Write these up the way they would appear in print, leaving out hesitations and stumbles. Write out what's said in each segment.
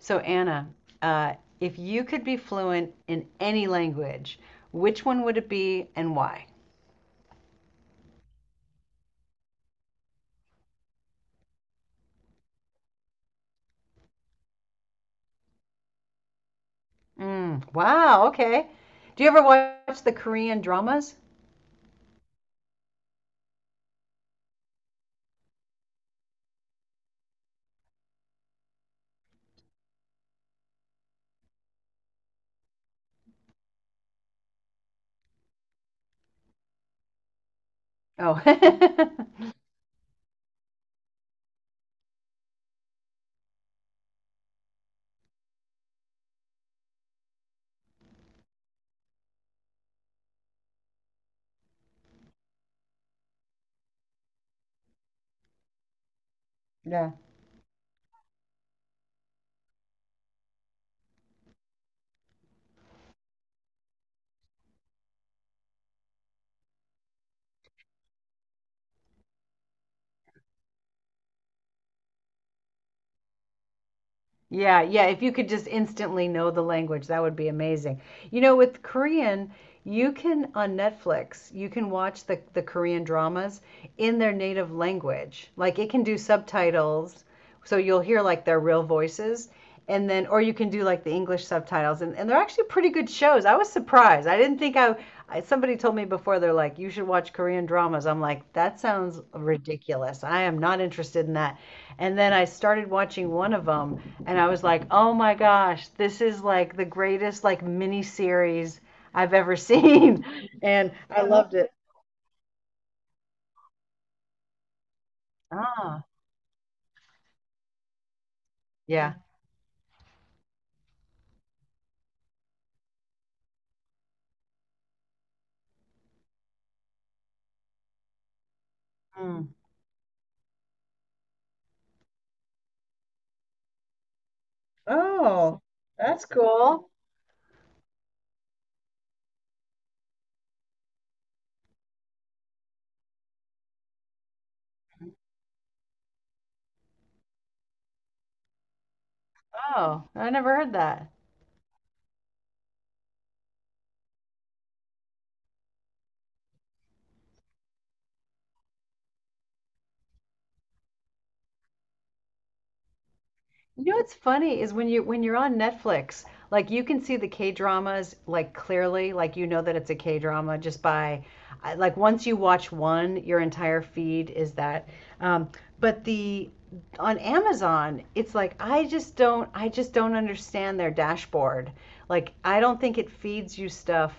So Anna, uh, if you could be fluent in any language, which one would it be and why? Mm, wow, okay. Do you ever watch the Korean dramas? Oh. Yeah. Yeah, yeah. If you could just instantly know the language, that would be amazing. You know, with Korean, you can on Netflix, you can watch the Korean dramas in their native language. Like it can do subtitles, so you'll hear like their real voices. And then, or you can do like the English subtitles, and they're actually pretty good shows. I was surprised. I didn't think I. Somebody told me before, they're like, you should watch Korean dramas. I'm like, that sounds ridiculous. I am not interested in that. And then I started watching one of them, and I was like, "Oh my gosh, this is like the greatest like mini series I've ever seen," and I loved it. Ah, yeah. Mm. Oh, that's cool. Oh, I never heard that. You know what's funny is when you're on Netflix, like you can see the K-dramas like clearly, like you know that it's a K-drama just by like once you watch one, your entire feed is that. Um, but the on Amazon, it's like I just don't understand their dashboard. Like I don't think it feeds you stuff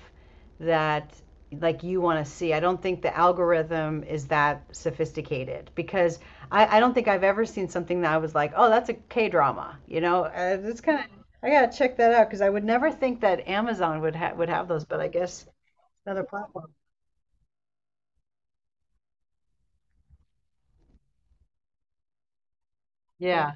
that like you want to see. I don't think the algorithm is that sophisticated because I don't think I've ever seen something that I was like, oh, that's a K drama. You know, it's kind of I gotta check that out because I would never think that Amazon would have those, but I guess another platform. Yeah,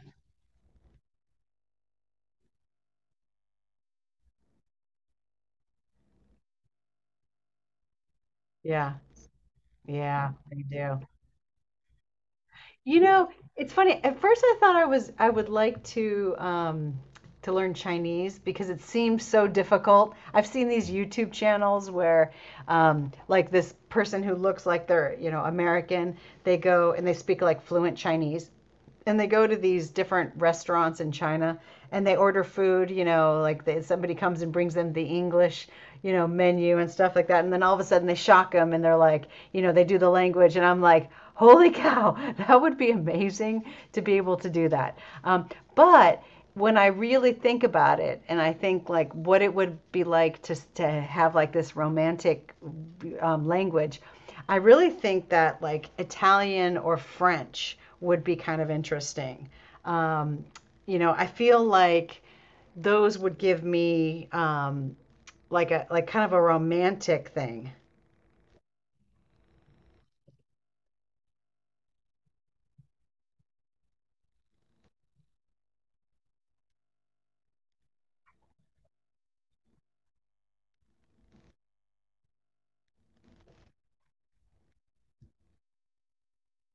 yeah, yeah, they do. You know, it's funny. At first, I thought I would like to learn Chinese because it seems so difficult. I've seen these YouTube channels where, like this person who looks like they're American, they go and they speak like fluent Chinese, and they go to these different restaurants in China and they order food, you know, like somebody comes and brings them the English, menu and stuff like that. And then all of a sudden they shock them and they're like, they do the language. And I'm like, holy cow, that would be amazing to be able to do that. Um, but when I really think about it and I think like what it would be like to have like this romantic language, I really think that like Italian or French would be kind of interesting. Um, I feel like those would give me like a like kind of a romantic thing.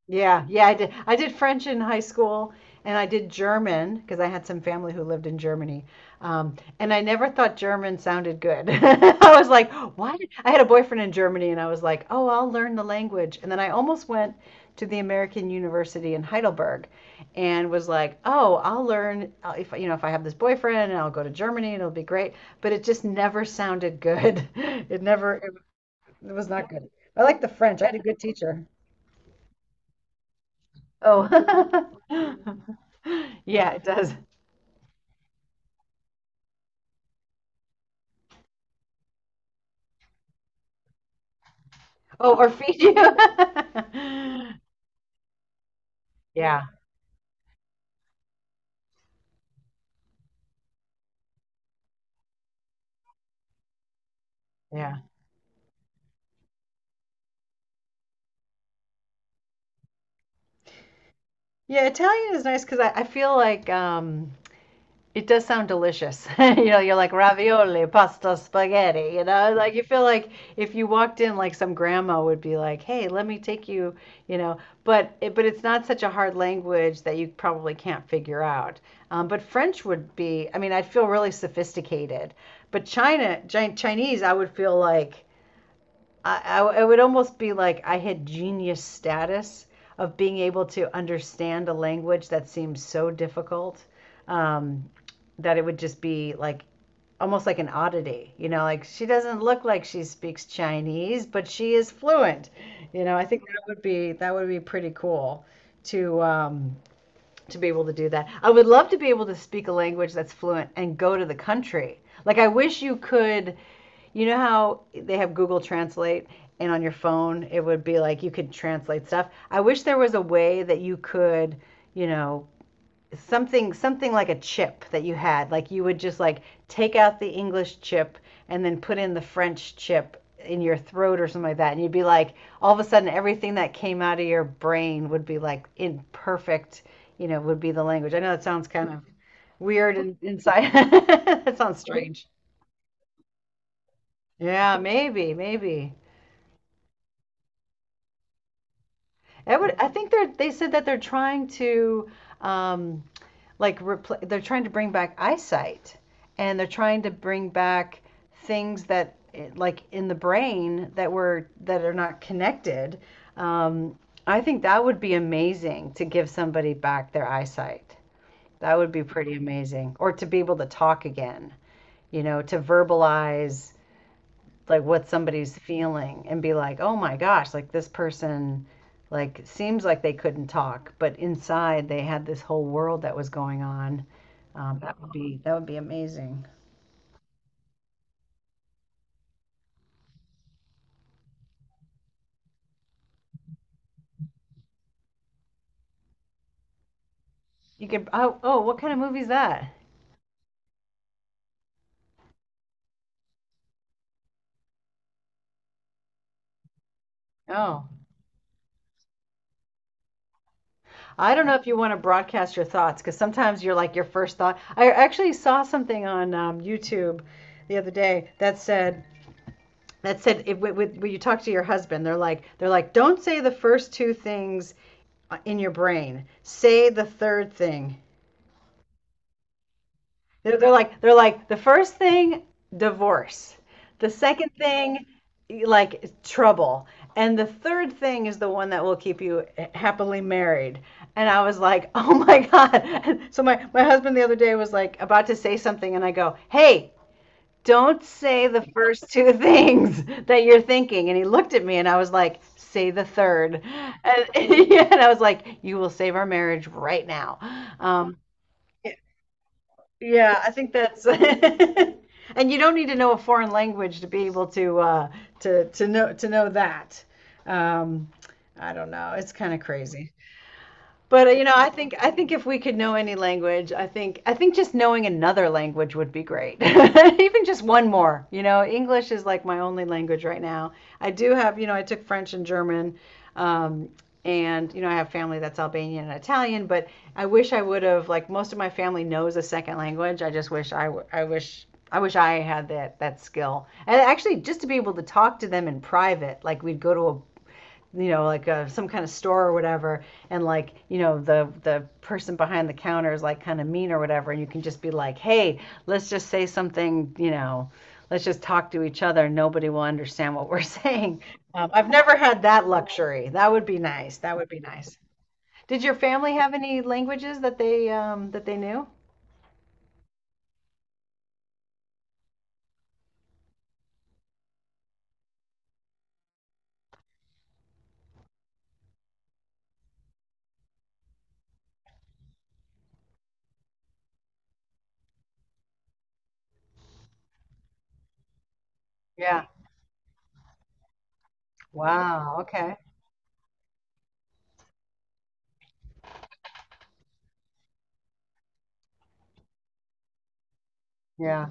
Yeah, yeah, I did. I did French in high school, and I did German because I had some family who lived in Germany. And I never thought German sounded good. I was like, why? I had a boyfriend in Germany, and I was like, oh, I'll learn the language. And then I almost went to the American University in Heidelberg, and was like, oh, I'll learn if you know if I have this boyfriend, and I'll go to Germany, and it'll be great. But it just never sounded good. It never. It was not good. I like the French. I had a good teacher. Oh. Yeah, it does. Oh, or feed you. Yeah, yeah. Yeah, Italian is nice because I feel like it does sound delicious. You know, you're like ravioli, pasta, spaghetti. You know, like you feel like if you walked in, like some grandma would be like, "Hey, let me take you." You know, but it, but it's not such a hard language that you probably can't figure out. But French would be. I mean, I'd feel really sophisticated. But Chinese, I would feel like I would almost be like I had genius status of being able to understand a language that seems so difficult um, that it would just be like almost like an oddity. You know, like she doesn't look like she speaks Chinese, but she is fluent. You know, I think that would be pretty cool to um, to be able to do that. I would love to be able to speak a language that's fluent and go to the country. Like I wish you know how they have Google Translate, and on your phone it would be like you could translate stuff. I wish there was a way that you could, you know, something like a chip that you had. Like you would just like take out the English chip and then put in the French chip in your throat or something like that, and you'd be like all of a sudden everything that came out of your brain would be like in perfect, would be the language. I know that sounds kind of weird and inside. That sounds strange. Yeah, maybe, maybe. I would. I think they're. They said that they're trying um, to bring back eyesight, and they're trying to bring back things that, like, in the brain that are not connected. Um, I think that would be amazing to give somebody back their eyesight. That would be pretty amazing, or to be able to talk again. You know, to verbalize like what somebody's feeling and be like, oh my gosh, like this person like seems like they couldn't talk, but inside they had this whole world that was going on. That would be amazing. You could Oh, oh, what kind of movie is that? Oh, I don't know if you want to broadcast your thoughts because sometimes you're like your first thought. I actually saw something on YouTube the other day that said if, when you talk to your husband, they're like don't say the first two things in your brain. Say the third thing. They're like the first thing, divorce. The second thing, like trouble. And the third thing is the one that will keep you happily married. And I was like, oh my God. So my husband the other day was like about to say something, and I go, hey, don't say the first two things that you're thinking. And he looked at me, and I was like, say the third. And, and I was like, you will save our marriage right now. Um, yeah, I think that's. And you don't need to know a foreign language to be able to know that. Um, I don't know. It's kind of crazy. But I think if we could know any language, I think just knowing another language would be great. Even just one more. You know, English is like my only language right now. I do have, I took French and German, um, and I have family that's Albanian and Italian. But I wish I would have like most of my family knows a second language. I just wish I wish I had that skill. And actually, just to be able to talk to them in private, like we'd go to a like some kind of store or whatever, and like, the person behind the counter is like kind of mean or whatever, and you can just be like, hey, let's just say something, let's just talk to each other. Nobody will understand what we're saying. I've never had that luxury. That would be nice. That would be nice. Did your family have any languages that they knew? Yeah. Wow. Okay. Yeah.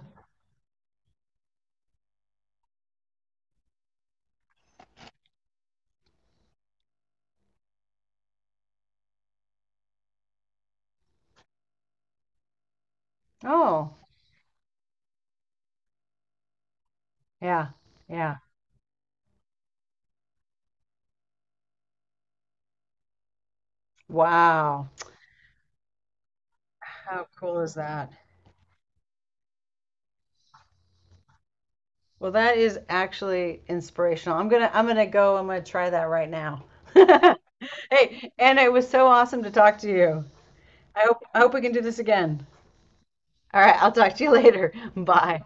Oh. Yeah. Yeah. Wow. How cool is that? Well, that is actually inspirational. I'm gonna go. I'm gonna try that right now. Hey, Anna, it was so awesome to talk to you. I hope we can do this again. All right, I'll talk to you later. Bye.